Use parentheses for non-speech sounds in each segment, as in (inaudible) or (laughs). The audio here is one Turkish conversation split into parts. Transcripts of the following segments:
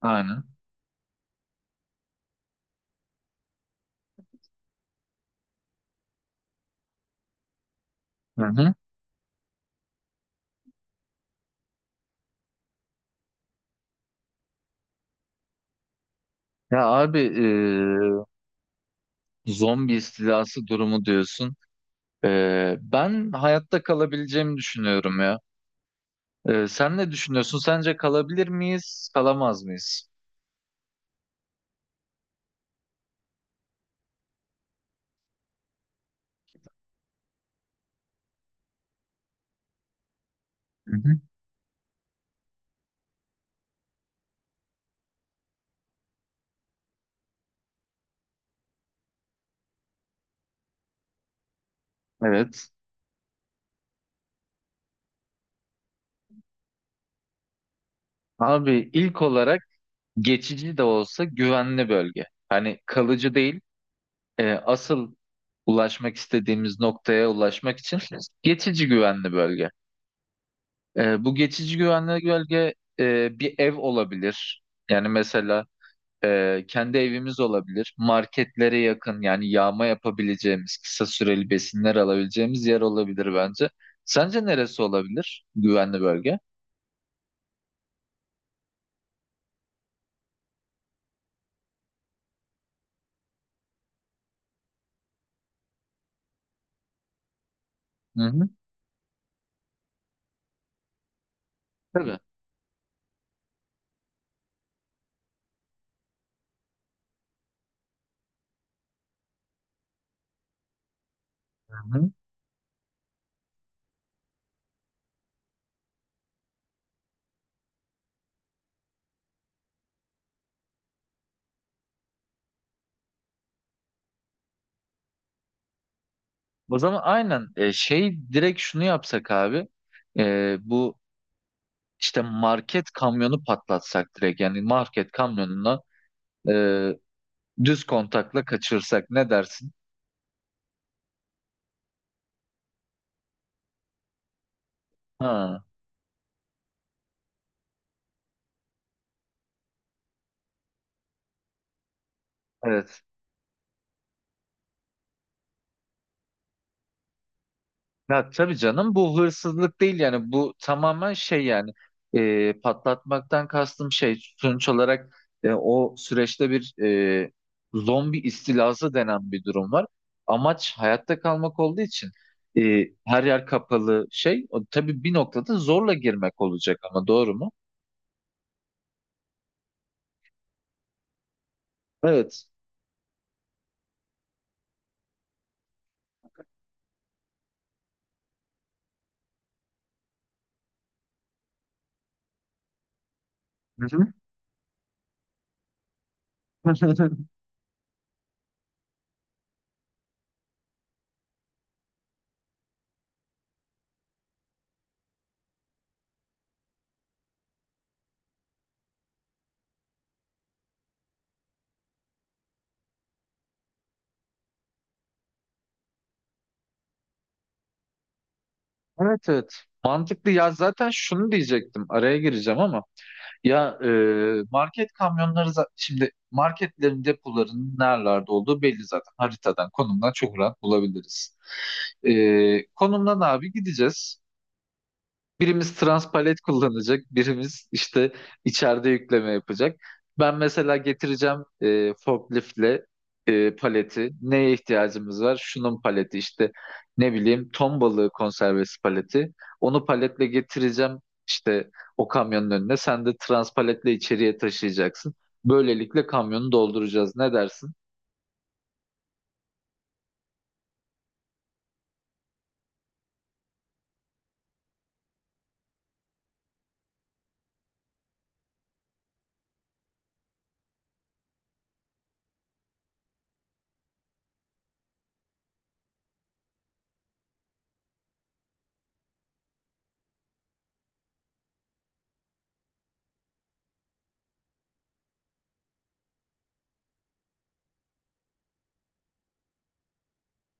Aynen. Hı hı. Ya abi zombi istilası durumu diyorsun. Ben hayatta kalabileceğimi düşünüyorum ya. Sen ne düşünüyorsun? Sence kalabilir miyiz, kalamaz mıyız? Hı hı. Evet. Abi ilk olarak geçici de olsa güvenli bölge. Hani kalıcı değil. Asıl ulaşmak istediğimiz noktaya ulaşmak için geçici güvenli bölge. Bu geçici güvenli bölge bir ev olabilir. Yani mesela. Kendi evimiz olabilir. Marketlere yakın yani yağma yapabileceğimiz, kısa süreli besinler alabileceğimiz yer olabilir bence. Sence neresi olabilir güvenli bölge? Hı hı. Tabii. Hı hı. O zaman aynen şey direkt şunu yapsak abi. Bu işte market kamyonu patlatsak direkt yani market kamyonuna e, düz kontakla kaçırsak ne dersin? Ha, evet. Ya tabii canım bu hırsızlık değil yani bu tamamen şey yani patlatmaktan kastım şey sonuç olarak o süreçte bir zombi istilası denen bir durum var. Amaç hayatta kalmak olduğu için her yer kapalı şey o, tabii bir noktada zorla girmek olacak ama doğru mu? Evet. Hı hı. (laughs) Evet, evet. Mantıklı ya, zaten şunu diyecektim, araya gireceğim ama. Ya market kamyonları şimdi marketlerin depolarının nerelerde olduğu belli, zaten haritadan konumdan çok rahat bulabiliriz. Konumdan abi gideceğiz. Birimiz trans palet kullanacak, birimiz işte içeride yükleme yapacak. Ben mesela getireceğim forkliftle paleti. Neye ihtiyacımız var? Şunun paleti işte ne bileyim ton balığı konservesi paleti. Onu paletle getireceğim işte o kamyonun önüne. Sen de trans paletle içeriye taşıyacaksın. Böylelikle kamyonu dolduracağız. Ne dersin?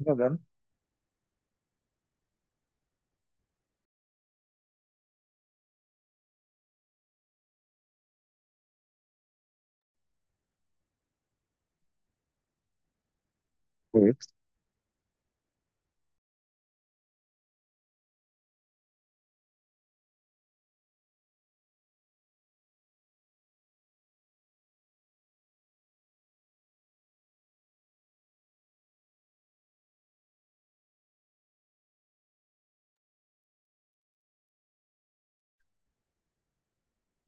Neden?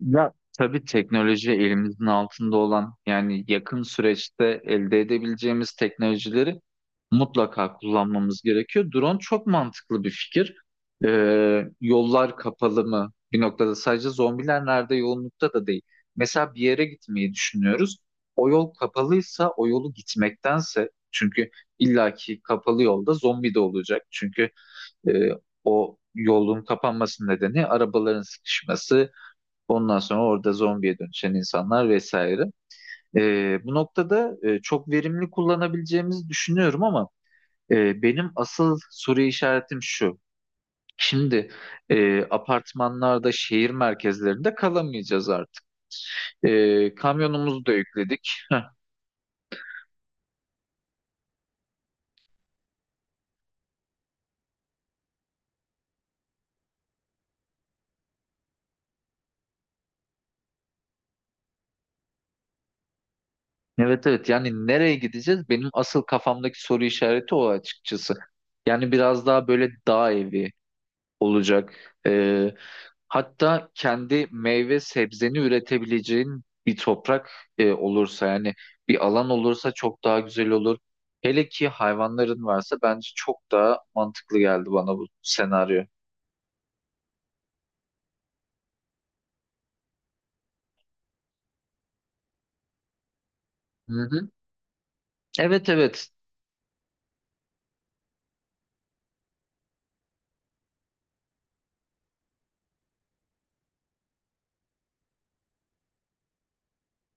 Ya tabii teknoloji elimizin altında olan yani yakın süreçte elde edebileceğimiz teknolojileri mutlaka kullanmamız gerekiyor. Drone çok mantıklı bir fikir. Yollar kapalı mı? Bir noktada sadece zombiler nerede yoğunlukta da değil. Mesela bir yere gitmeyi düşünüyoruz. O yol kapalıysa o yolu gitmektense, çünkü illaki kapalı yolda zombi de olacak. Çünkü e, o yolun kapanması nedeni arabaların sıkışması. Ondan sonra orada zombiye dönüşen insanlar vesaire. Bu noktada çok verimli kullanabileceğimizi düşünüyorum ama benim asıl soru işaretim şu. Şimdi apartmanlarda, şehir merkezlerinde kalamayacağız artık. Kamyonumuzu da yükledik. Evet, evet, yani nereye gideceğiz? Benim asıl kafamdaki soru işareti o, açıkçası. Yani biraz daha böyle dağ evi olacak. Ee, Hatta kendi meyve sebzeni üretebileceğin bir toprak olursa yani bir alan olursa çok daha güzel olur. Hele ki hayvanların varsa bence çok daha mantıklı geldi bana bu senaryo. Hı hı. Evet, evet.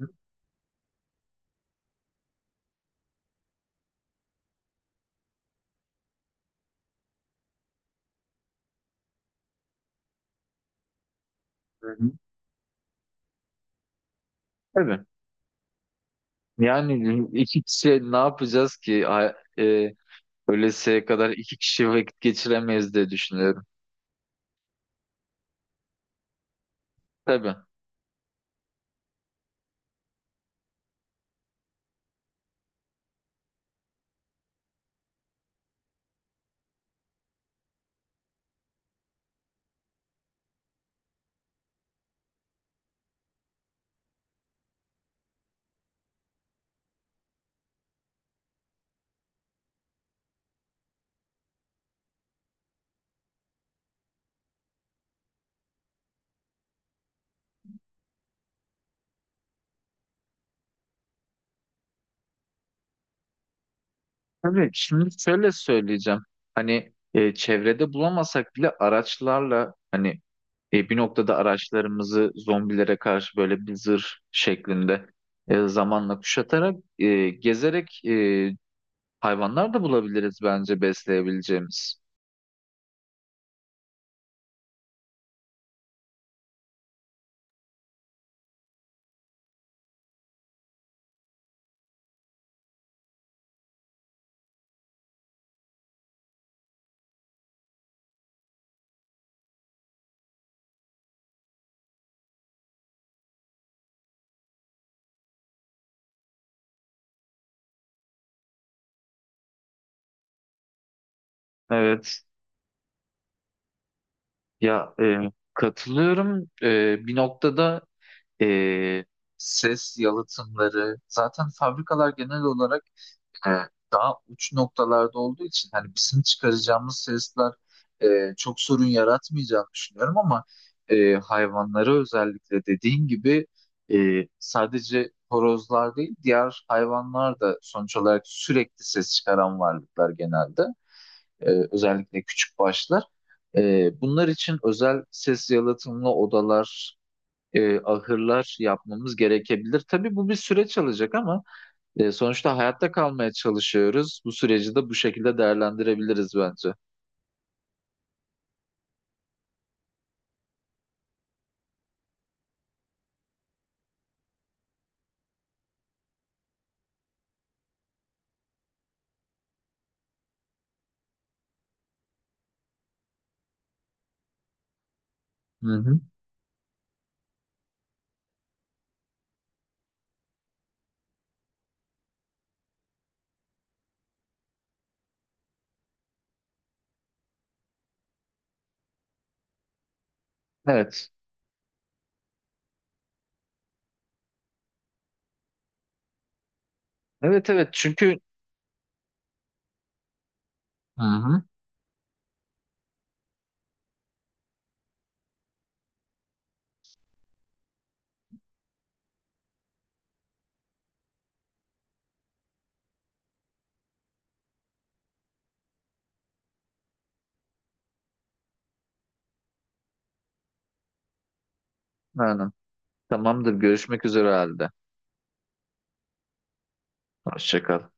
Hı hı. Tabii. Yani iki kişi ne yapacağız ki? Ölesiye kadar iki kişi vakit geçiremeyiz diye düşünüyorum. Tabii. Tabii, şimdi şöyle söyleyeceğim. Hani çevrede bulamasak bile araçlarla hani bir noktada araçlarımızı zombilere karşı böyle bir zırh şeklinde zamanla kuşatarak gezerek hayvanlar da bulabiliriz bence besleyebileceğimiz. Evet. Ya katılıyorum. Bir noktada e, ses yalıtımları zaten fabrikalar genel olarak e, daha uç noktalarda olduğu için hani bizim çıkaracağımız sesler çok sorun yaratmayacağını düşünüyorum ama hayvanlara özellikle dediğin gibi sadece horozlar değil diğer hayvanlar da sonuç olarak sürekli ses çıkaran varlıklar genelde. Özellikle küçük başlar. Bunlar için özel ses yalıtımlı odalar, ahırlar yapmamız gerekebilir. Tabii bu bir süreç alacak ama. Sonuçta hayatta kalmaya çalışıyoruz. Bu süreci de bu şekilde değerlendirebiliriz bence. Hı hı. Evet. Evet, evet çünkü... Hı hı. Aynen. Tamamdır. Görüşmek üzere halde. Hoşça kal.